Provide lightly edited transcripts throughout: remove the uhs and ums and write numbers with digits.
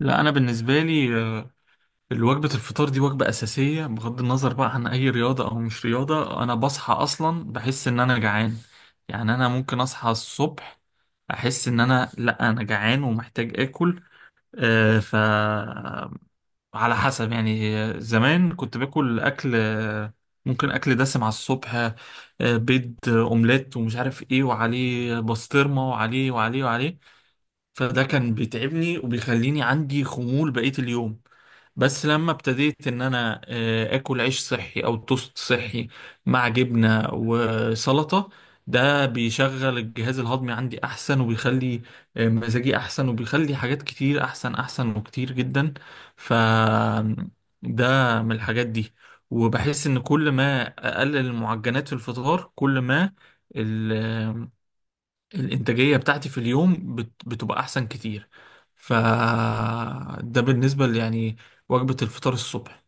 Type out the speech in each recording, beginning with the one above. لا، انا بالنسبه لي الوجبه الفطار دي وجبه اساسيه بغض النظر بقى عن اي رياضه او مش رياضه. انا بصحى اصلا بحس ان انا جعان، يعني انا ممكن اصحى الصبح احس ان انا لا، انا جعان ومحتاج اكل. آه، ف على حسب يعني، زمان كنت باكل اكل ممكن اكل دسم على الصبح، بيض اومليت ومش عارف ايه، وعليه بسطرمه وعليه وعليه وعليه. فده كان بيتعبني وبيخليني عندي خمول بقية اليوم. بس لما ابتديت ان انا اكل عيش صحي او توست صحي مع جبنة وسلطة، ده بيشغل الجهاز الهضمي عندي احسن، وبيخلي مزاجي احسن، وبيخلي حاجات كتير احسن احسن وكتير جدا. ف ده من الحاجات دي. وبحس ان كل ما اقلل المعجنات في الفطار، كل ما الإنتاجية بتاعتي في اليوم بتبقى أحسن كتير. فده بالنسبة يعني وجبة الفطار الصبح.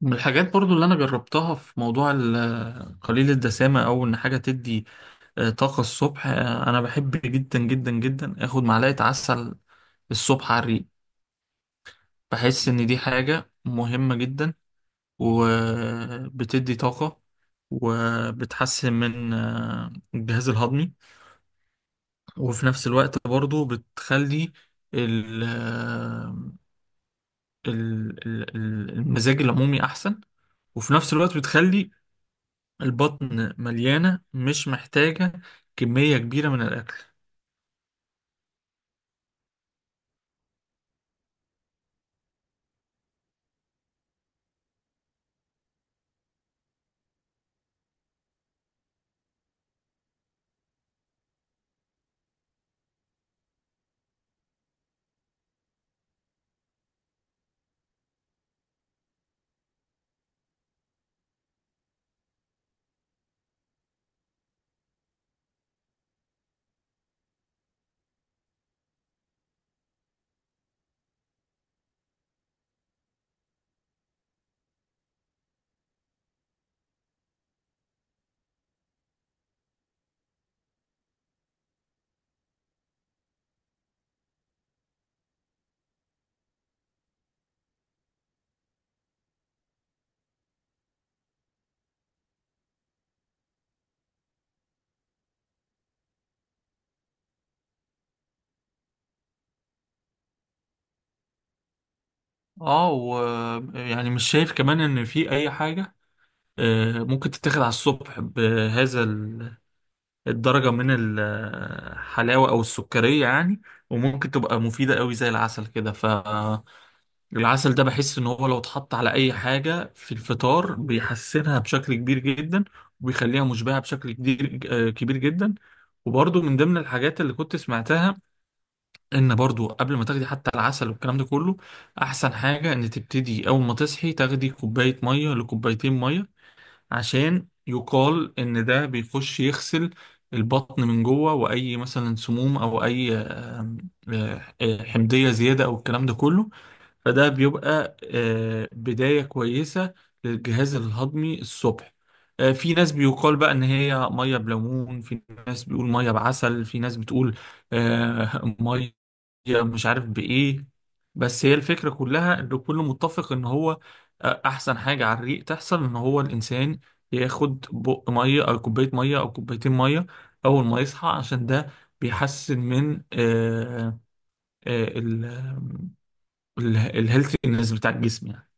من الحاجات برضو اللي أنا جربتها في موضوع قليل الدسامة، أو إن حاجة تدي طاقة الصبح، أنا بحب جدا جدا جدا آخد معلقة عسل الصبح على الريق. بحس إن دي حاجة مهمة جدا، وبتدي طاقة، وبتحسن من الجهاز الهضمي، وفي نفس الوقت برضو بتخلي ال المزاج العمومي أحسن، وفي نفس الوقت بتخلي البطن مليانة مش محتاجة كمية كبيرة من الأكل. اه، ويعني مش شايف كمان إن في أي حاجة ممكن تتاخد على الصبح بهذا الدرجة من الحلاوة أو السكرية يعني، وممكن تبقى مفيدة قوي زي العسل كده. العسل ده بحس ان هو لو اتحط على اي حاجة في الفطار بيحسنها بشكل كبير جدا، وبيخليها مشبعة بشكل كبير، كبير جدا. وبرضو من ضمن الحاجات اللي كنت سمعتها ان برضو قبل ما تاخدي حتى العسل والكلام ده كله، احسن حاجة ان تبتدي اول ما تصحي تاخدي كوباية مية لكوبايتين مية، عشان يقال ان ده بيخش يغسل البطن من جوه واي مثلا سموم او اي حمضية زيادة او الكلام ده كله. فده بيبقى بداية كويسة للجهاز الهضمي الصبح. في ناس بيقال بقى ان هي ميه بليمون، في ناس بيقول ميه بعسل، في ناس بتقول ميه مش عارف بايه. بس هي الفكرة كلها ان كله متفق ان هو احسن حاجة على الريق تحصل ان هو الانسان ياخد بق ميه او كوباية ميه او كوبايتين ميه اول ما يصحى، عشان ده بيحسن من آه، ال- الهيلثينess بتاع الجسم يعني.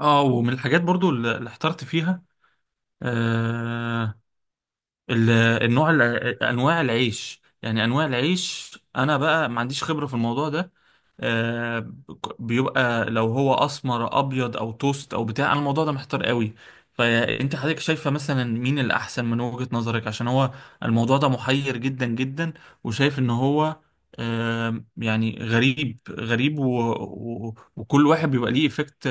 اه، ومن الحاجات برضو اللي احترت فيها آه، ال- النوع انواع العيش، يعني انواع العيش انا بقى ما عنديش خبرة في الموضوع ده. آه، بيبقى لو هو اسمر ابيض او توست او بتاع، انا الموضوع ده محتار قوي. فانت حضرتك شايفة مثلا مين الاحسن من وجهة نظرك؟ عشان هو الموضوع ده محير جدا جدا، وشايف ان هو يعني غريب غريب وكل واحد بيبقى ليه افكت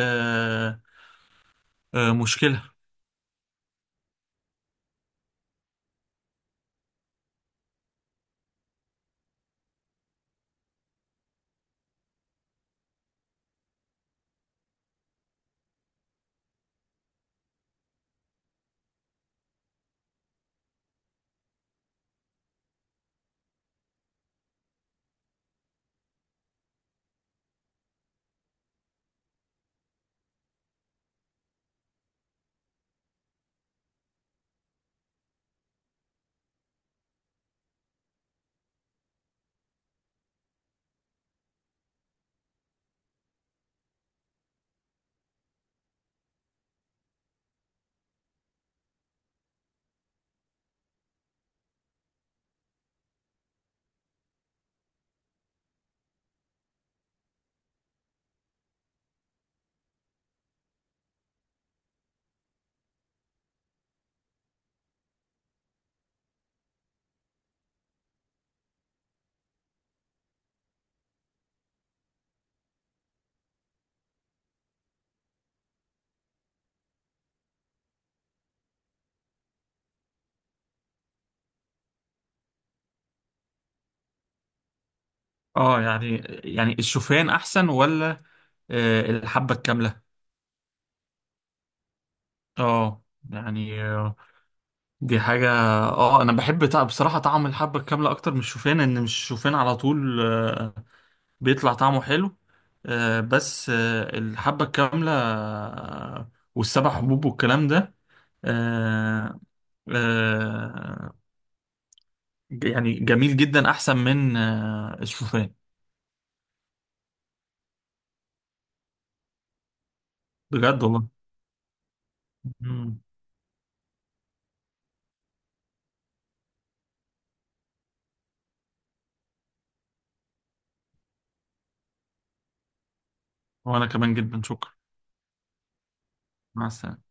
مشكلة. اه يعني، يعني الشوفان احسن ولا الحبة الكاملة؟ اه يعني دي حاجة. اه انا بحب بصراحة طعم الحبة الكاملة اكتر من الشوفان، ان مش الشوفان على طول بيطلع طعمه حلو. بس الحبة الكاملة والسبع حبوب والكلام ده آه، آه، يعني جميل جدا، احسن من الشوفان. بجد والله. مم. وانا كمان جدا، شكرا. مع السلامة.